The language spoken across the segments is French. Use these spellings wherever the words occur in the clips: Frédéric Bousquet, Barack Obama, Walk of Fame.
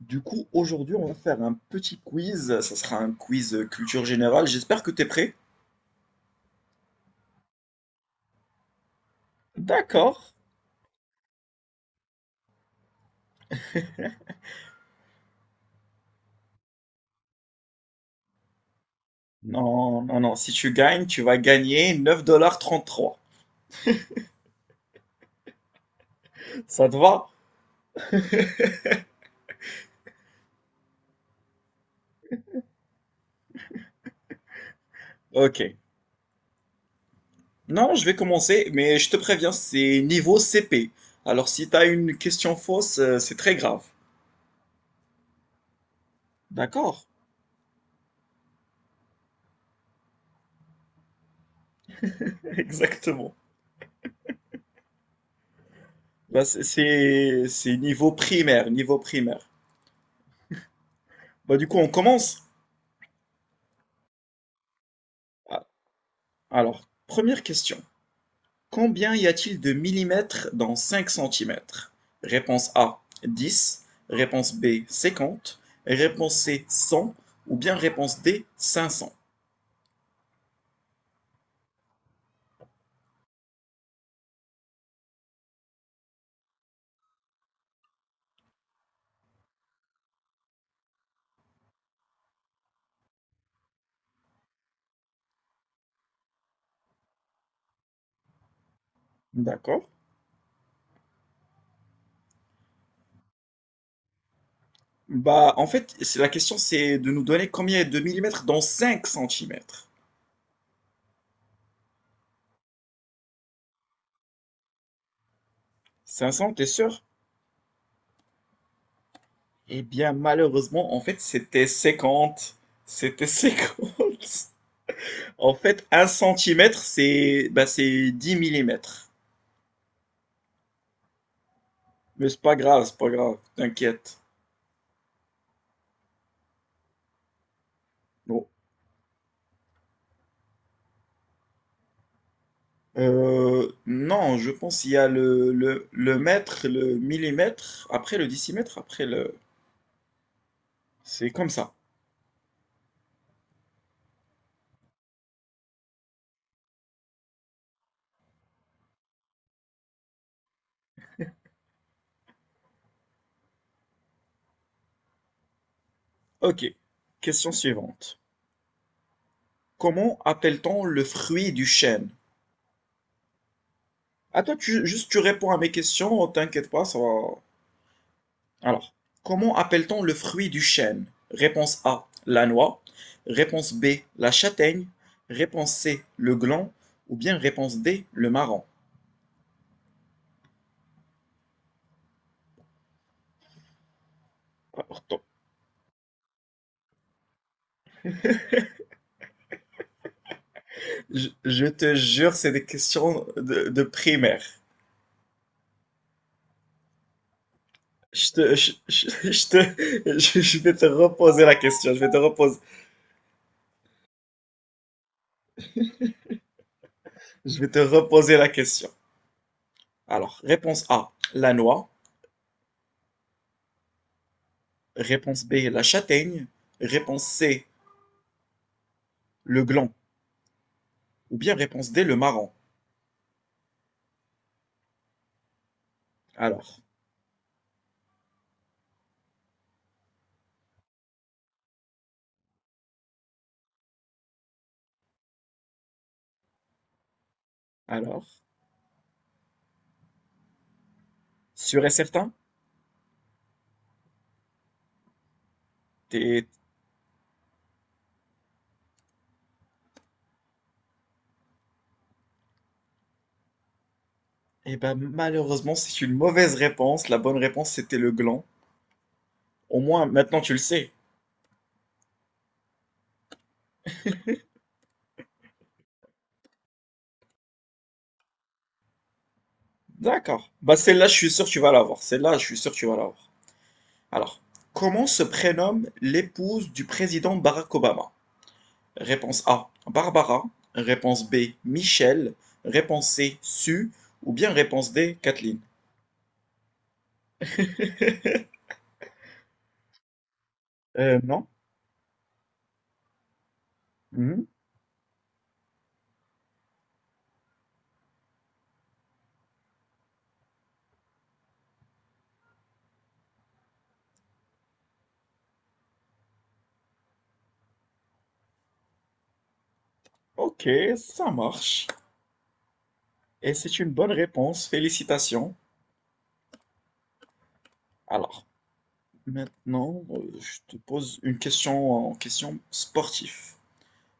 Du coup, aujourd'hui, on va faire un petit quiz. Ça sera un quiz culture générale. J'espère que tu es prêt. D'accord. Non, non, non. Si tu gagnes, tu vas gagner 9,33$. Ça te va? Ok. Non, je vais commencer, mais je te préviens, c'est niveau CP. Alors, si tu as une question fausse, c'est très grave. D'accord. Exactement. Bah, c'est niveau primaire, niveau primaire. Bah, du coup, on commence. Ah, alors, première question. Combien y a-t-il de millimètres dans 5 cm? Réponse A 10. Réponse B 50. Réponse C 100. Ou bien réponse D 500. D'accord. Bah en fait, c'est la question c'est de nous donner combien y de millimètres dans 5 centimètres. 500, t'es sûr? Eh bien malheureusement, en fait, c'était 50. C'était 50. En fait, un centimètre, c'est 10 mm. Mais c'est pas grave, t'inquiète. Bon, non, je pense qu'il y a le mètre, le millimètre, après le décimètre, après le... C'est comme ça. Ok. Question suivante. Comment appelle-t-on le fruit du chêne? Attends, juste tu réponds à mes questions, t'inquiète pas, ça va... Alors, comment appelle-t-on le fruit du chêne? Réponse A, la noix. Réponse B, la châtaigne. Réponse C, le gland. Ou bien réponse D, le marron. Je te jure, c'est des questions de primaire. Je te, Je vais te reposer la question. Je vais te reposer la question. Alors, réponse A, la noix. Réponse B, la châtaigne. Réponse C, le gland. Ou bien réponse D, le marron. Alors, alors, sûr et certain, t'es, eh ben, malheureusement, c'est une mauvaise réponse. La bonne réponse, c'était le gland. Au moins, maintenant, tu le sais. D'accord. Bah, celle-là, je suis sûr que tu vas l'avoir. Celle-là, je suis sûr que tu vas l'avoir. Alors, comment se prénomme l'épouse du président Barack Obama? Réponse A, Barbara. Réponse B, Michelle. Réponse C, Sue. Ou bien réponse D, Kathleen. Non. Mhm. Ok, ça marche. Et c'est une bonne réponse. Félicitations. Alors, maintenant, je te pose une question en question sportive.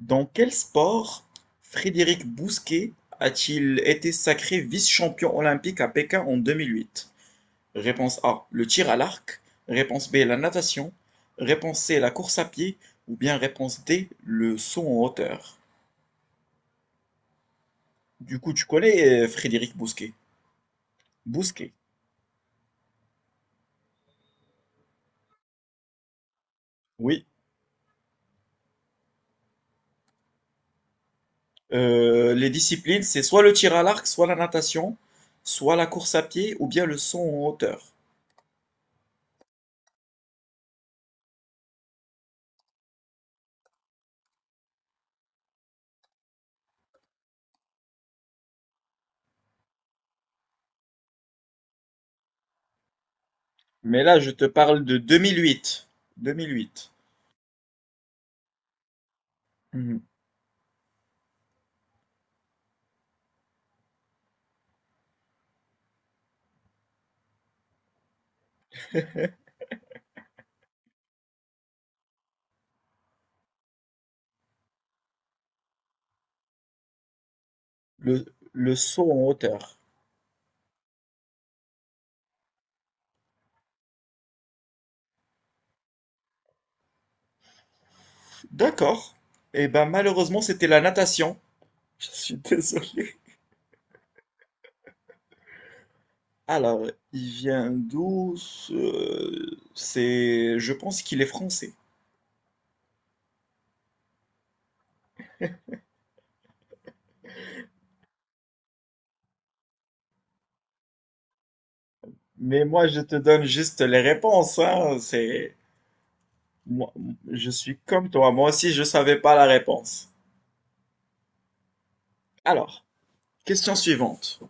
Dans quel sport Frédéric Bousquet a-t-il été sacré vice-champion olympique à Pékin en 2008? Réponse A, le tir à l'arc. Réponse B, la natation. Réponse C, la course à pied. Ou bien réponse D, le saut en hauteur. Du coup, tu connais Frédéric Bousquet. Bousquet. Oui. Les disciplines, c'est soit le tir à l'arc, soit la natation, soit la course à pied, ou bien le saut en hauteur. Mais là, je te parle de 2008. 2008. Mhm. Le, le saut en hauteur. D'accord. Eh ben, malheureusement, c'était la natation. Je suis désolé. Alors, il vient d'où ce c'est je pense qu'il est français. Mais moi, je te donne juste les réponses, hein. C'est moi, je suis comme toi. Moi aussi, je savais pas la réponse. Alors, question suivante.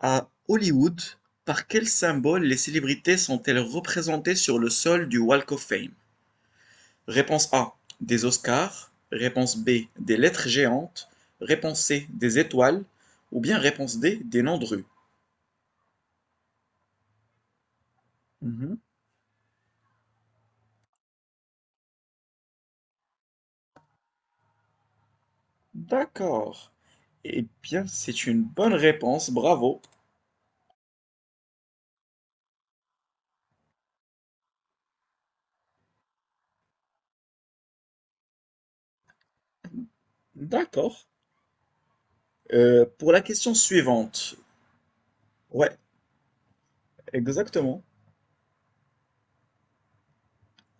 À Hollywood, par quel symbole les célébrités sont-elles représentées sur le sol du Walk of Fame? Réponse A, des Oscars. Réponse B, des lettres géantes. Réponse C, des étoiles. Ou bien réponse D, des noms de rue. D'accord. Eh bien, c'est une bonne réponse, bravo. D'accord. Pour la question suivante. Ouais, exactement.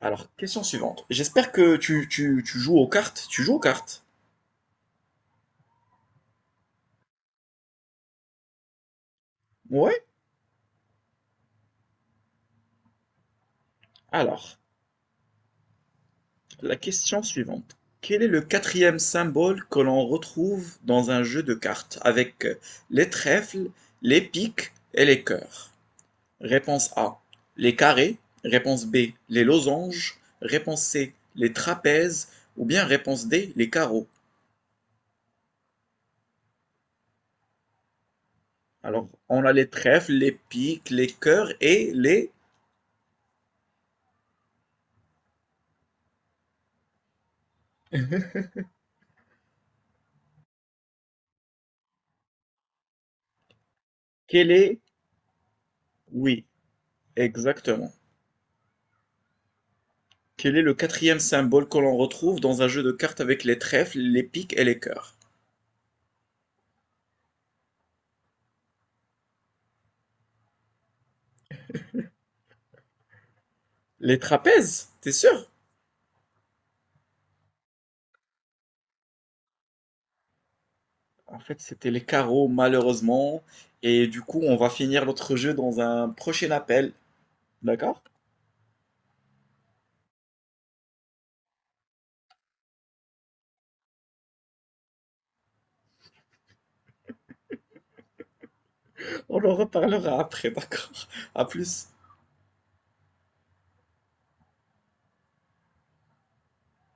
Alors, question suivante. J'espère que tu joues aux cartes. Tu joues aux cartes? Ouais. Alors, la question suivante. Quel est le quatrième symbole que l'on retrouve dans un jeu de cartes avec les trèfles, les piques et les cœurs? Réponse A: les carrés, réponse B: les losanges, réponse C: les trapèzes ou bien réponse D: les carreaux. Alors, on a les trèfles, les piques, les cœurs et les... Quel est... Oui, exactement. Quel est le quatrième symbole que l'on retrouve dans un jeu de cartes avec les trèfles, les piques et les cœurs? Les trapèzes, t'es sûr? En fait, c'était les carreaux, malheureusement. Et du coup, on va finir notre jeu dans un prochain appel. D'accord? On en reparlera après, d'accord? À plus.